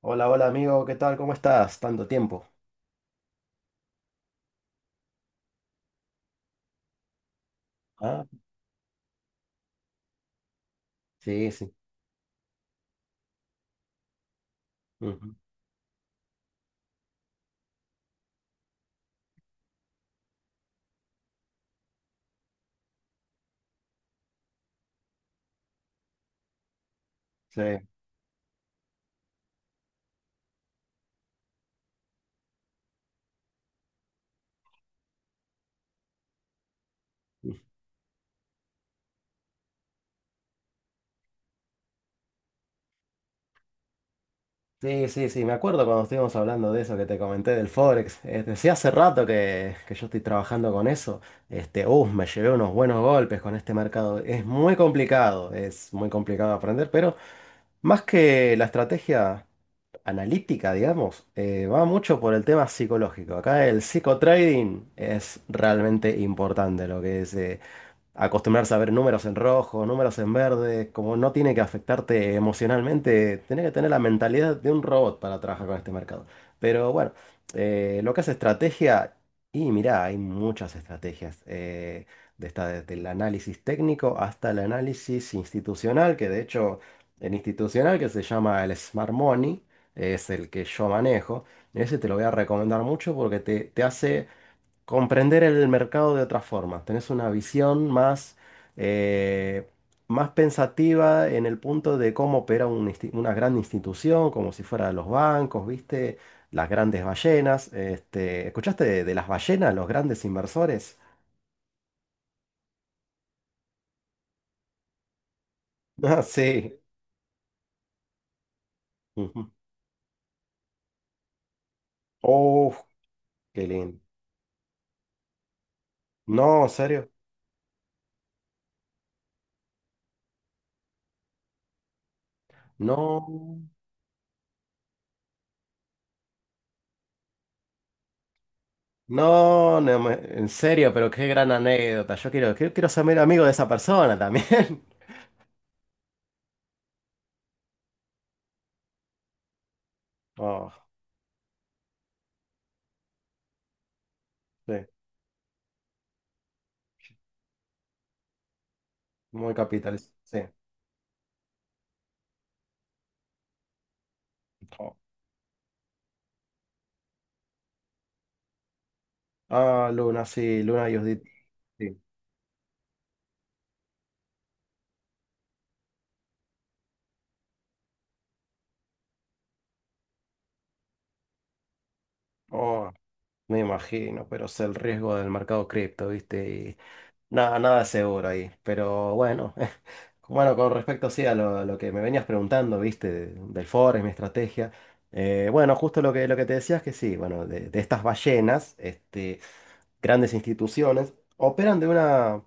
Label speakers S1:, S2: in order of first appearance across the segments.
S1: Hola, hola amigo, ¿qué tal? ¿Cómo estás? Tanto tiempo. Ah, sí, sí. Ujú. Sí, sí, sí, sí, me acuerdo cuando estuvimos hablando de eso que te comenté del Forex. Decía hace rato que yo estoy trabajando con eso. Me llevé unos buenos golpes con este mercado. Es muy complicado aprender, pero más que la estrategia analítica, digamos, va mucho por el tema psicológico. Acá el psicotrading es realmente importante lo que es. Acostumbrarse a ver números en rojo, números en verde, como no tiene que afectarte emocionalmente, tenés que tener la mentalidad de un robot para trabajar con este mercado. Pero bueno, lo que es estrategia, y mirá, hay muchas estrategias, desde el análisis técnico hasta el análisis institucional, que de hecho el institucional que se llama el Smart Money, es el que yo manejo, ese te lo voy a recomendar mucho porque te hace comprender el mercado de otra forma. Tenés una visión más, eh, más pensativa en el punto de cómo opera una gran institución, como si fuera los bancos, ¿viste? Las grandes ballenas. Este, ¿escuchaste de las ballenas, los grandes inversores? Ah, sí. Ujú. Oh, qué lindo. No, ¿en serio? No. No, en serio, pero qué gran anécdota. Yo quiero, quiero, quiero ser medio amigo de esa persona también. Oh, sí. Muy capitalista, sí. Oh. Ah, Luna, sí, Luna y Judith, sí. Oh, me imagino, pero es el riesgo del mercado cripto, ¿viste? Y nada, nada es seguro ahí. Pero bueno, bueno, con respecto sí a lo que me venías preguntando, ¿viste? Del forex, mi estrategia. Bueno, justo lo que te decías que sí, bueno, de estas ballenas, este. Grandes instituciones, operan de una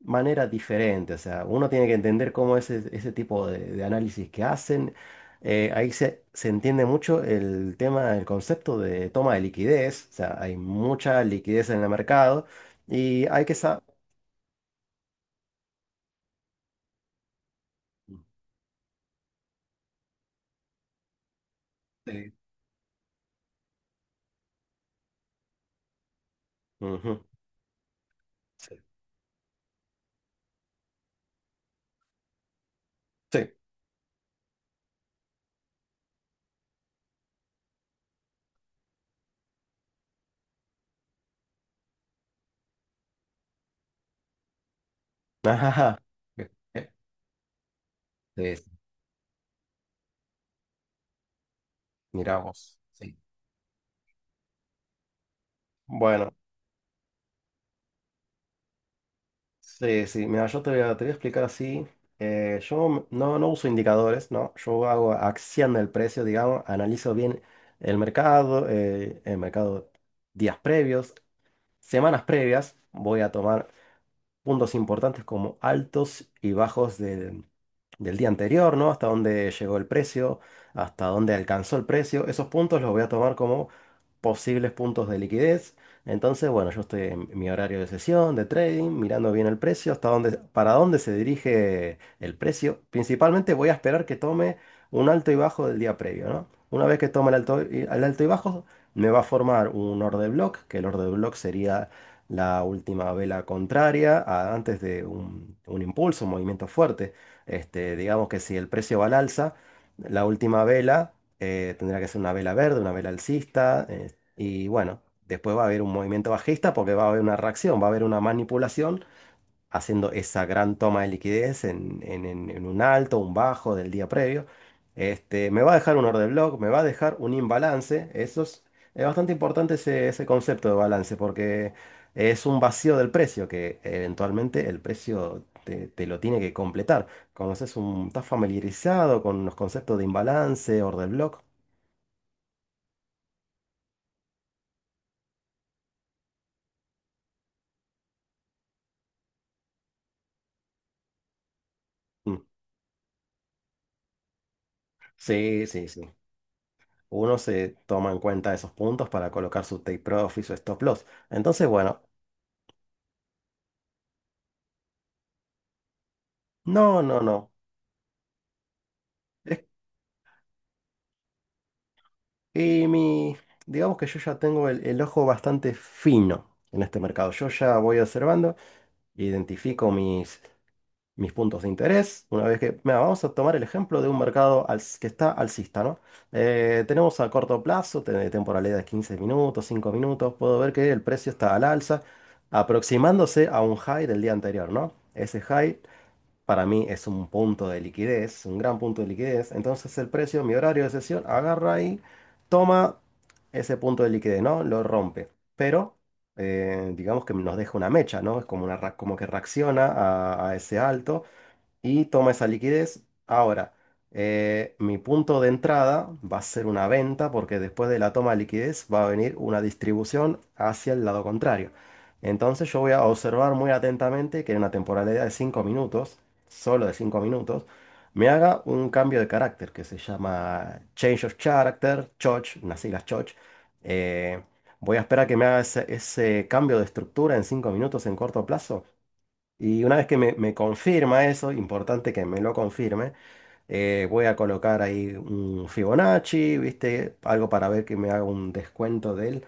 S1: manera diferente. O sea, uno tiene que entender cómo es ese, ese tipo de análisis que hacen. Ahí se entiende mucho el tema, el concepto de toma de liquidez. O sea, hay mucha liquidez en el mercado y hay que saber... Sí. Ujú. Sí. Sí. Ajá. Sí. Mira vos. Sí. Bueno. Sí, sí, mira, yo te voy a explicar así. Yo no, No uso indicadores, ¿no? Yo hago acción del precio, digamos, analizo bien el mercado, días previos, semanas previas, voy a tomar puntos importantes como altos y bajos del día anterior, ¿no? Hasta dónde llegó el precio, hasta dónde alcanzó el precio. Esos puntos los voy a tomar como posibles puntos de liquidez. Entonces, bueno, yo estoy en mi horario de sesión, de trading, mirando bien el precio, hasta dónde, para dónde se dirige el precio. Principalmente voy a esperar que tome un alto y bajo del día previo, ¿no? Una vez que tome el alto y bajo, me va a formar un order block, que el order block sería la última vela contraria antes de un impulso, un movimiento fuerte. Este, digamos que si el precio va al alza, la última vela tendrá que ser una vela verde, una vela alcista, y bueno, después va a haber un movimiento bajista porque va a haber una reacción, va a haber una manipulación haciendo esa gran toma de liquidez en un alto, un bajo del día previo. Este, me va a dejar un order block, me va a dejar un imbalance. Eso es bastante importante ese, ese concepto de balance porque es un vacío del precio que eventualmente el precio te lo tiene que completar. ¿Conoces un, estás familiarizado con los conceptos de imbalance, order block? Mm. Sí, sí, sí. Uno se toma en cuenta esos puntos para colocar su take profit, su stop loss. Entonces, bueno, no, no, no. Es- que mi, digamos que yo ya tengo el ojo bastante fino en este mercado. Yo ya voy observando, identifico mis, mis puntos de interés. Una vez que, mira, vamos a tomar el ejemplo de un mercado que está alcista, ¿no? Tenemos a corto plazo, temporalidad de 15 minutos, 5 minutos. Puedo ver que el precio está al alza, aproximándose a un high del día anterior, ¿no? Ese high para mí es un punto de liquidez, un gran punto de liquidez. Entonces el precio, mi horario de sesión, agarra y toma ese punto de liquidez, ¿no? Lo rompe. Pero digamos que nos deja una mecha, ¿no? Es como, una, como que reacciona a ese alto y toma esa liquidez. Ahora, mi punto de entrada va a ser una venta porque después de la toma de liquidez va a venir una distribución hacia el lado contrario. Entonces yo voy a observar muy atentamente que en una temporalidad de 5 minutos, solo de 5 minutos, me haga un cambio de carácter que se llama Change of Character, CHOCH, unas siglas CHOCH. Eh, Voy a esperar que me haga ese, ese cambio de estructura en 5 minutos en corto plazo. Y una vez que me confirma eso, importante que me lo confirme, voy a colocar ahí un Fibonacci, ¿viste? Algo para ver que me haga un descuento del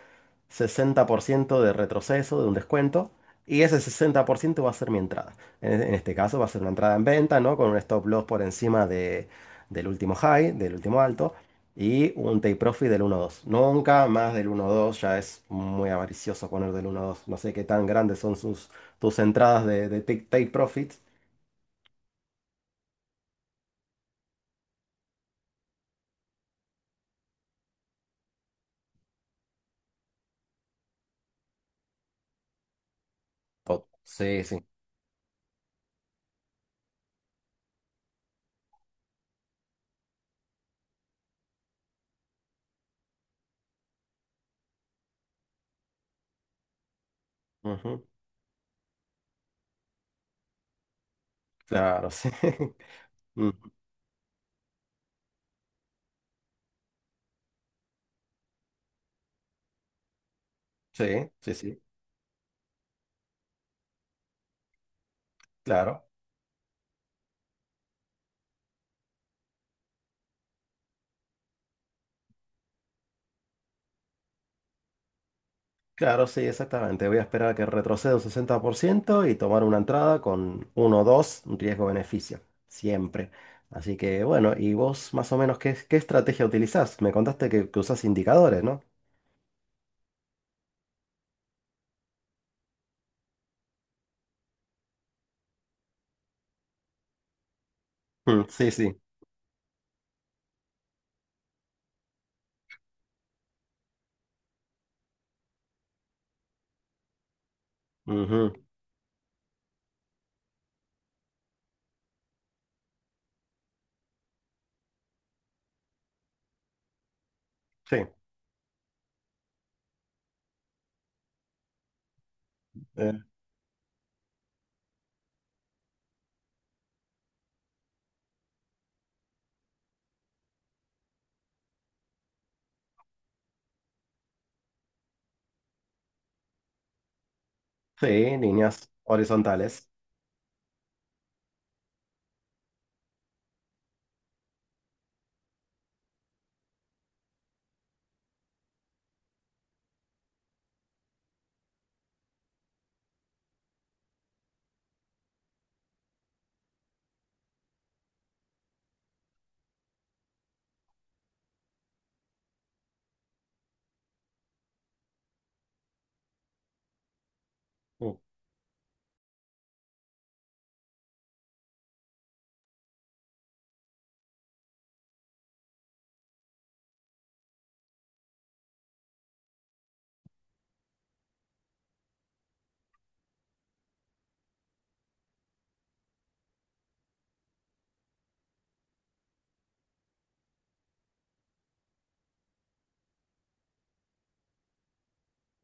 S1: 60% de retroceso, de un descuento. Y ese 60% va a ser mi entrada. En este caso va a ser una entrada en venta, ¿no? Con un stop loss por encima del último high, del último alto. Y un take profit del 1:2. Nunca más del 1:2. Ya es muy avaricioso poner del 1:2. No sé qué tan grandes son sus, tus entradas de take profits. Oh, sí, sí. Ujú. Claro, sí. Mm, sí, sí, sí, claro. Claro, sí, exactamente. Voy a esperar a que retroceda un 60% y tomar una entrada con uno o 2, un riesgo-beneficio, siempre. Así que bueno, ¿y vos más o menos qué, qué estrategia utilizás? Me contaste que usás indicadores, ¿no? Mm, sí, sí. Ujú. Sí, eh, sí, líneas horizontales. Mm,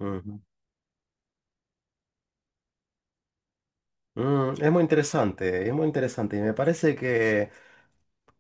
S1: ujú. Mm, es muy interesante y me parece.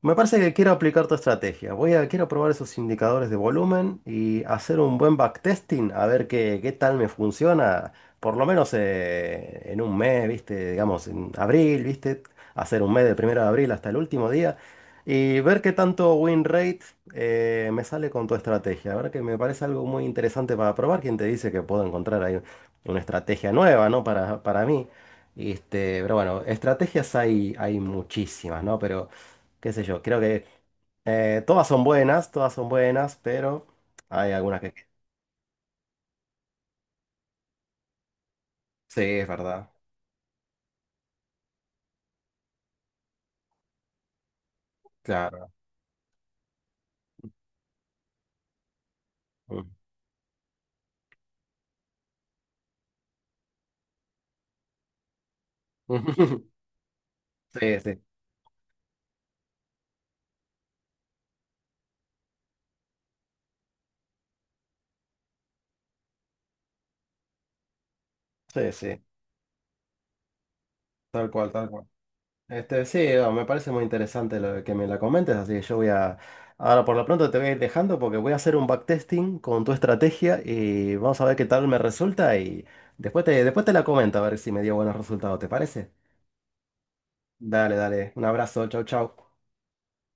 S1: Me parece que quiero aplicar tu estrategia. Quiero probar esos indicadores de volumen y hacer un buen backtesting a ver qué, qué tal me funciona. Por lo menos en un mes, ¿viste? Digamos, en abril, ¿viste? Hacer un mes del 1 de abril hasta el último día y ver qué tanto win rate me sale con tu estrategia. La verdad que me parece algo muy interesante para probar. ¿Quién te dice que puedo encontrar ahí una estrategia nueva, ¿no? Para mí. Este, pero bueno, estrategias hay, hay muchísimas, ¿no? Pero qué sé yo, creo que todas son buenas, pero hay algunas que... Sí, es verdad, claro. Mm. Sí, sí, sí, sí, tal cual, tal cual. Este, sí, no, me parece muy interesante lo de que me la comentes, así que yo voy a... Ahora por lo pronto te voy a ir dejando porque voy a hacer un backtesting con tu estrategia y vamos a ver qué tal me resulta y después te la comento a ver si me dio buenos resultados, ¿te parece? Dale, dale, un abrazo, chau, chau.